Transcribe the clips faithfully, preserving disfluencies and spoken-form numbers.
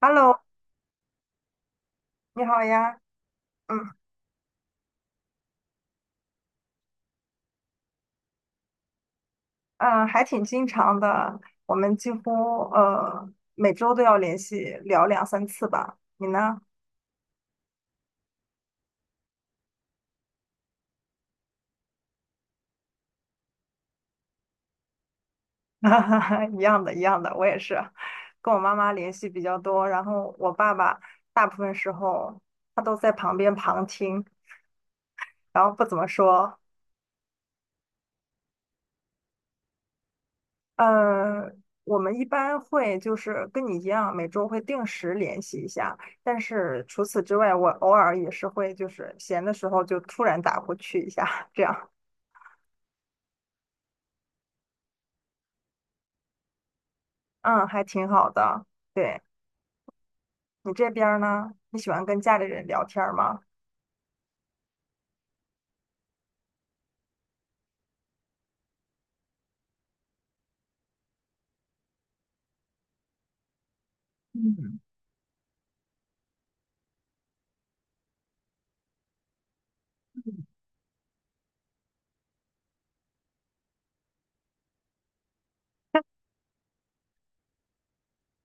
Hello，你好呀，嗯嗯，呃还挺经常的，我们几乎呃每周都要联系聊两三次吧。你呢？一样的，一样的，我也是，跟我妈妈联系比较多，然后我爸爸大部分时候他都在旁边旁听，然后不怎么说。呃，我们一般会就是跟你一样，每周会定时联系一下。但是除此之外，我偶尔也是会就是闲的时候就突然打过去一下，这样，嗯，还挺好的。对，你这边儿呢？你喜欢跟家里人聊天儿吗？嗯，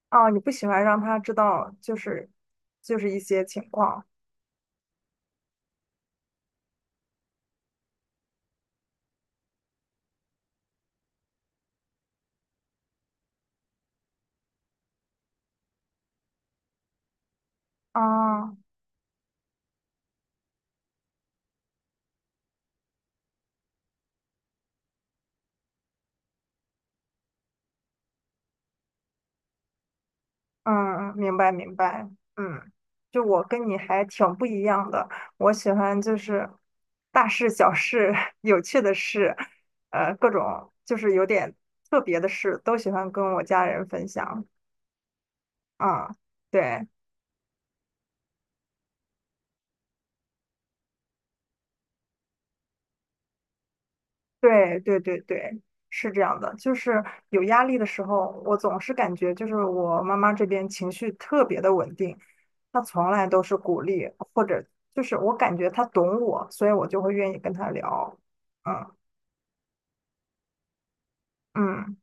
哦，你不喜欢让他知道，就是就是一些情况啊。哦嗯，明白明白，嗯，就我跟你还挺不一样的，我喜欢就是大事小事、有趣的事，呃，各种就是有点特别的事，都喜欢跟我家人分享。啊、对对对对对，是这样的，就是有压力的时候，我总是感觉就是我妈妈这边情绪特别的稳定，她从来都是鼓励，或者就是我感觉她懂我，所以我就会愿意跟她聊。嗯。嗯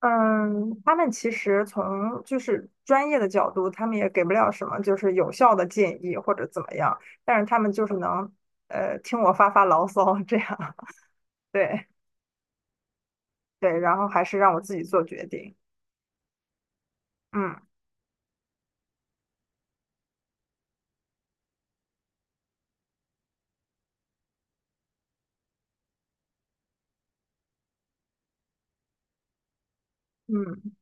嗯，他们其实从就是专业的角度，他们也给不了什么就是有效的建议或者怎么样，但是他们就是能呃听我发发牢骚这样，对对，然后还是让我自己做决定。嗯嗯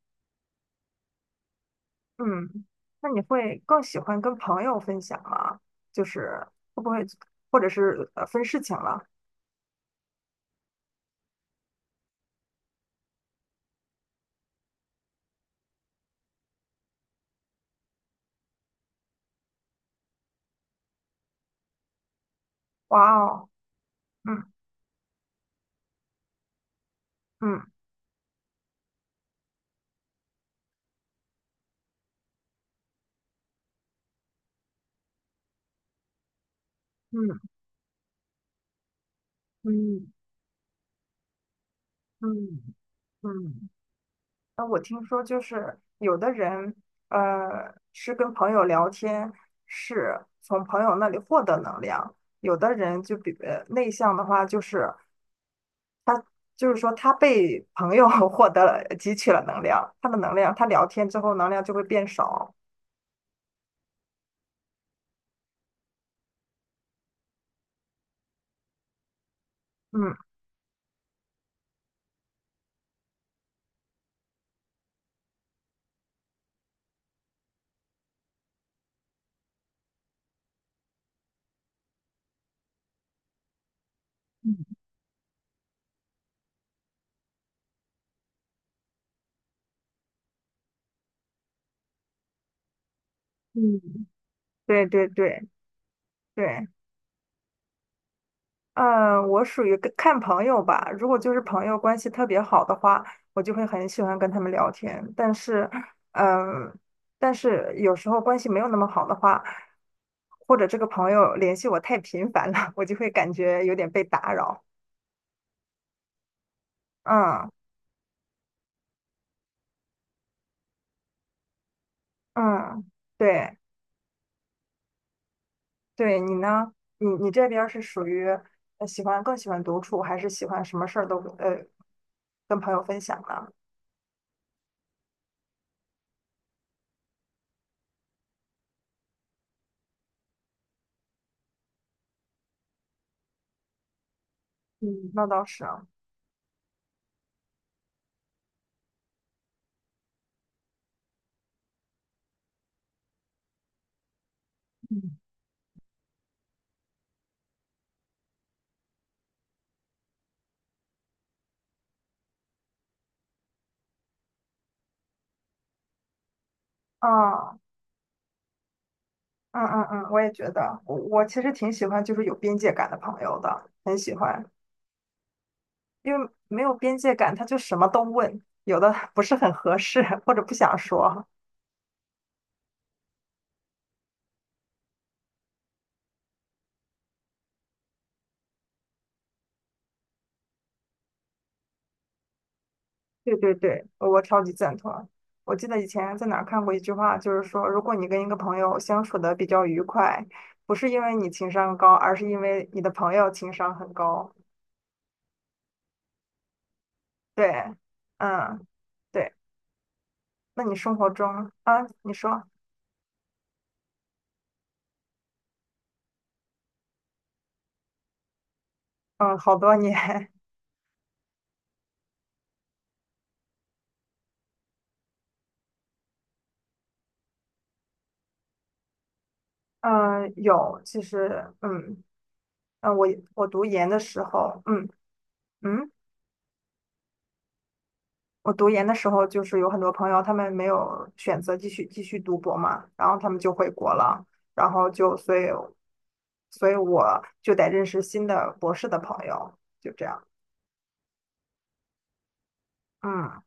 嗯，那你会更喜欢跟朋友分享吗？就是会不会或者是呃分事情了？哇哦，嗯嗯嗯嗯嗯嗯。嗯那我听说就是有的人，呃，是跟朋友聊天，是从朋友那里获得能量；有的人就比呃内向的话，就是就是说他被朋友 获得了汲取了能量，他的能量，他聊天之后能量就会变少。嗯，嗯嗯，对对对对。嗯，我属于跟看朋友吧。如果就是朋友关系特别好的话，我就会很喜欢跟他们聊天。但是，嗯，但是有时候关系没有那么好的话，或者这个朋友联系我太频繁了，我就会感觉有点被打扰。嗯嗯，对对，你呢？你你这边儿是属于呃喜欢更喜欢独处，还是喜欢什么事儿都呃跟朋友分享呢？嗯那倒是啊，嗯，啊。嗯嗯嗯，我也觉得，我我其实挺喜欢就是有边界感的朋友的，很喜欢，因为没有边界感，他就什么都问，有的不是很合适或者不想说。对对对，我超级赞同。我记得以前在哪儿看过一句话，就是说，如果你跟一个朋友相处的比较愉快，不是因为你情商高，而是因为你的朋友情商很高。对，嗯，对。那你生活中啊，你说，嗯，好多年。嗯、呃有，其实，嗯，呃，我我读研的时候，嗯嗯，我读研的时候，就是有很多朋友，他们没有选择继续继续读博嘛，然后他们就回国了，然后就所以，所以我就得认识新的博士的朋友，就这样，嗯，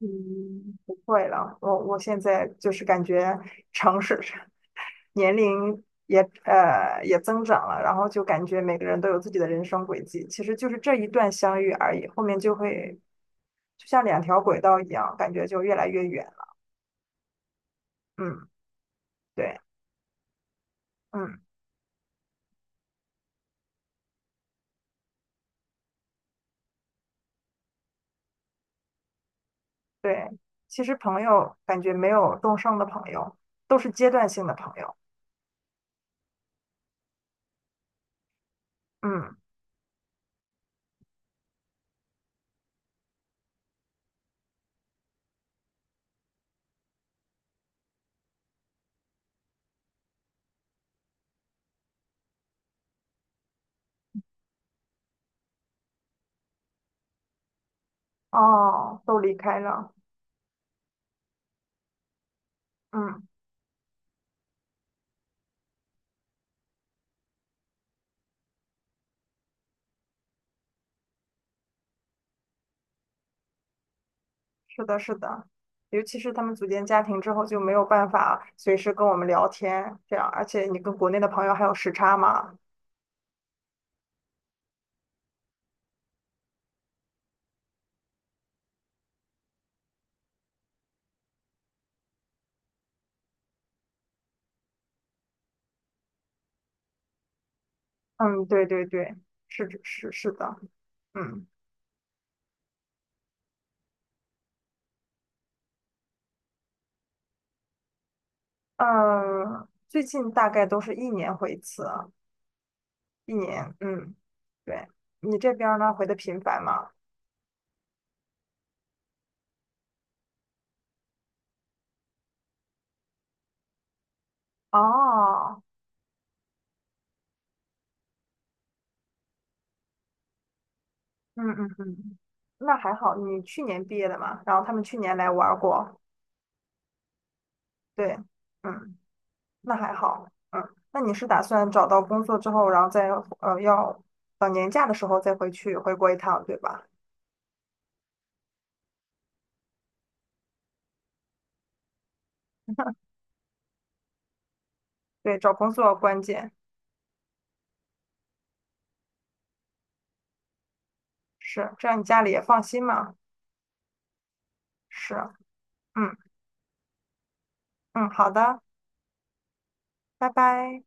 嗯，不会了，我我现在就是感觉尝试。年龄也呃也增长了，然后就感觉每个人都有自己的人生轨迹，其实就是这一段相遇而已，后面就会就像两条轨道一样，感觉就越来越远了嗯，对，嗯，对，其实朋友感觉没有终生的朋友，都是阶段性的朋友。嗯，哦，都离开了。嗯，是的，是的。尤其是他们组建家庭之后，就没有办法随时跟我们聊天，这样，而且你跟国内的朋友还有时差嘛，嗯，对对对，是是是的，嗯呃，最近大概都是一年回一次，一年，嗯，对，你这边儿呢回的频繁吗？哦，嗯嗯嗯，那还好，你去年毕业的嘛，然后他们去年来玩儿过，对，嗯，那还好，嗯，那你是打算找到工作之后，然后再呃要等年假的时候再回去回国一趟，对吧？对，找工作关键是，这样你家里也放心嘛，是。嗯。嗯，好的，拜拜。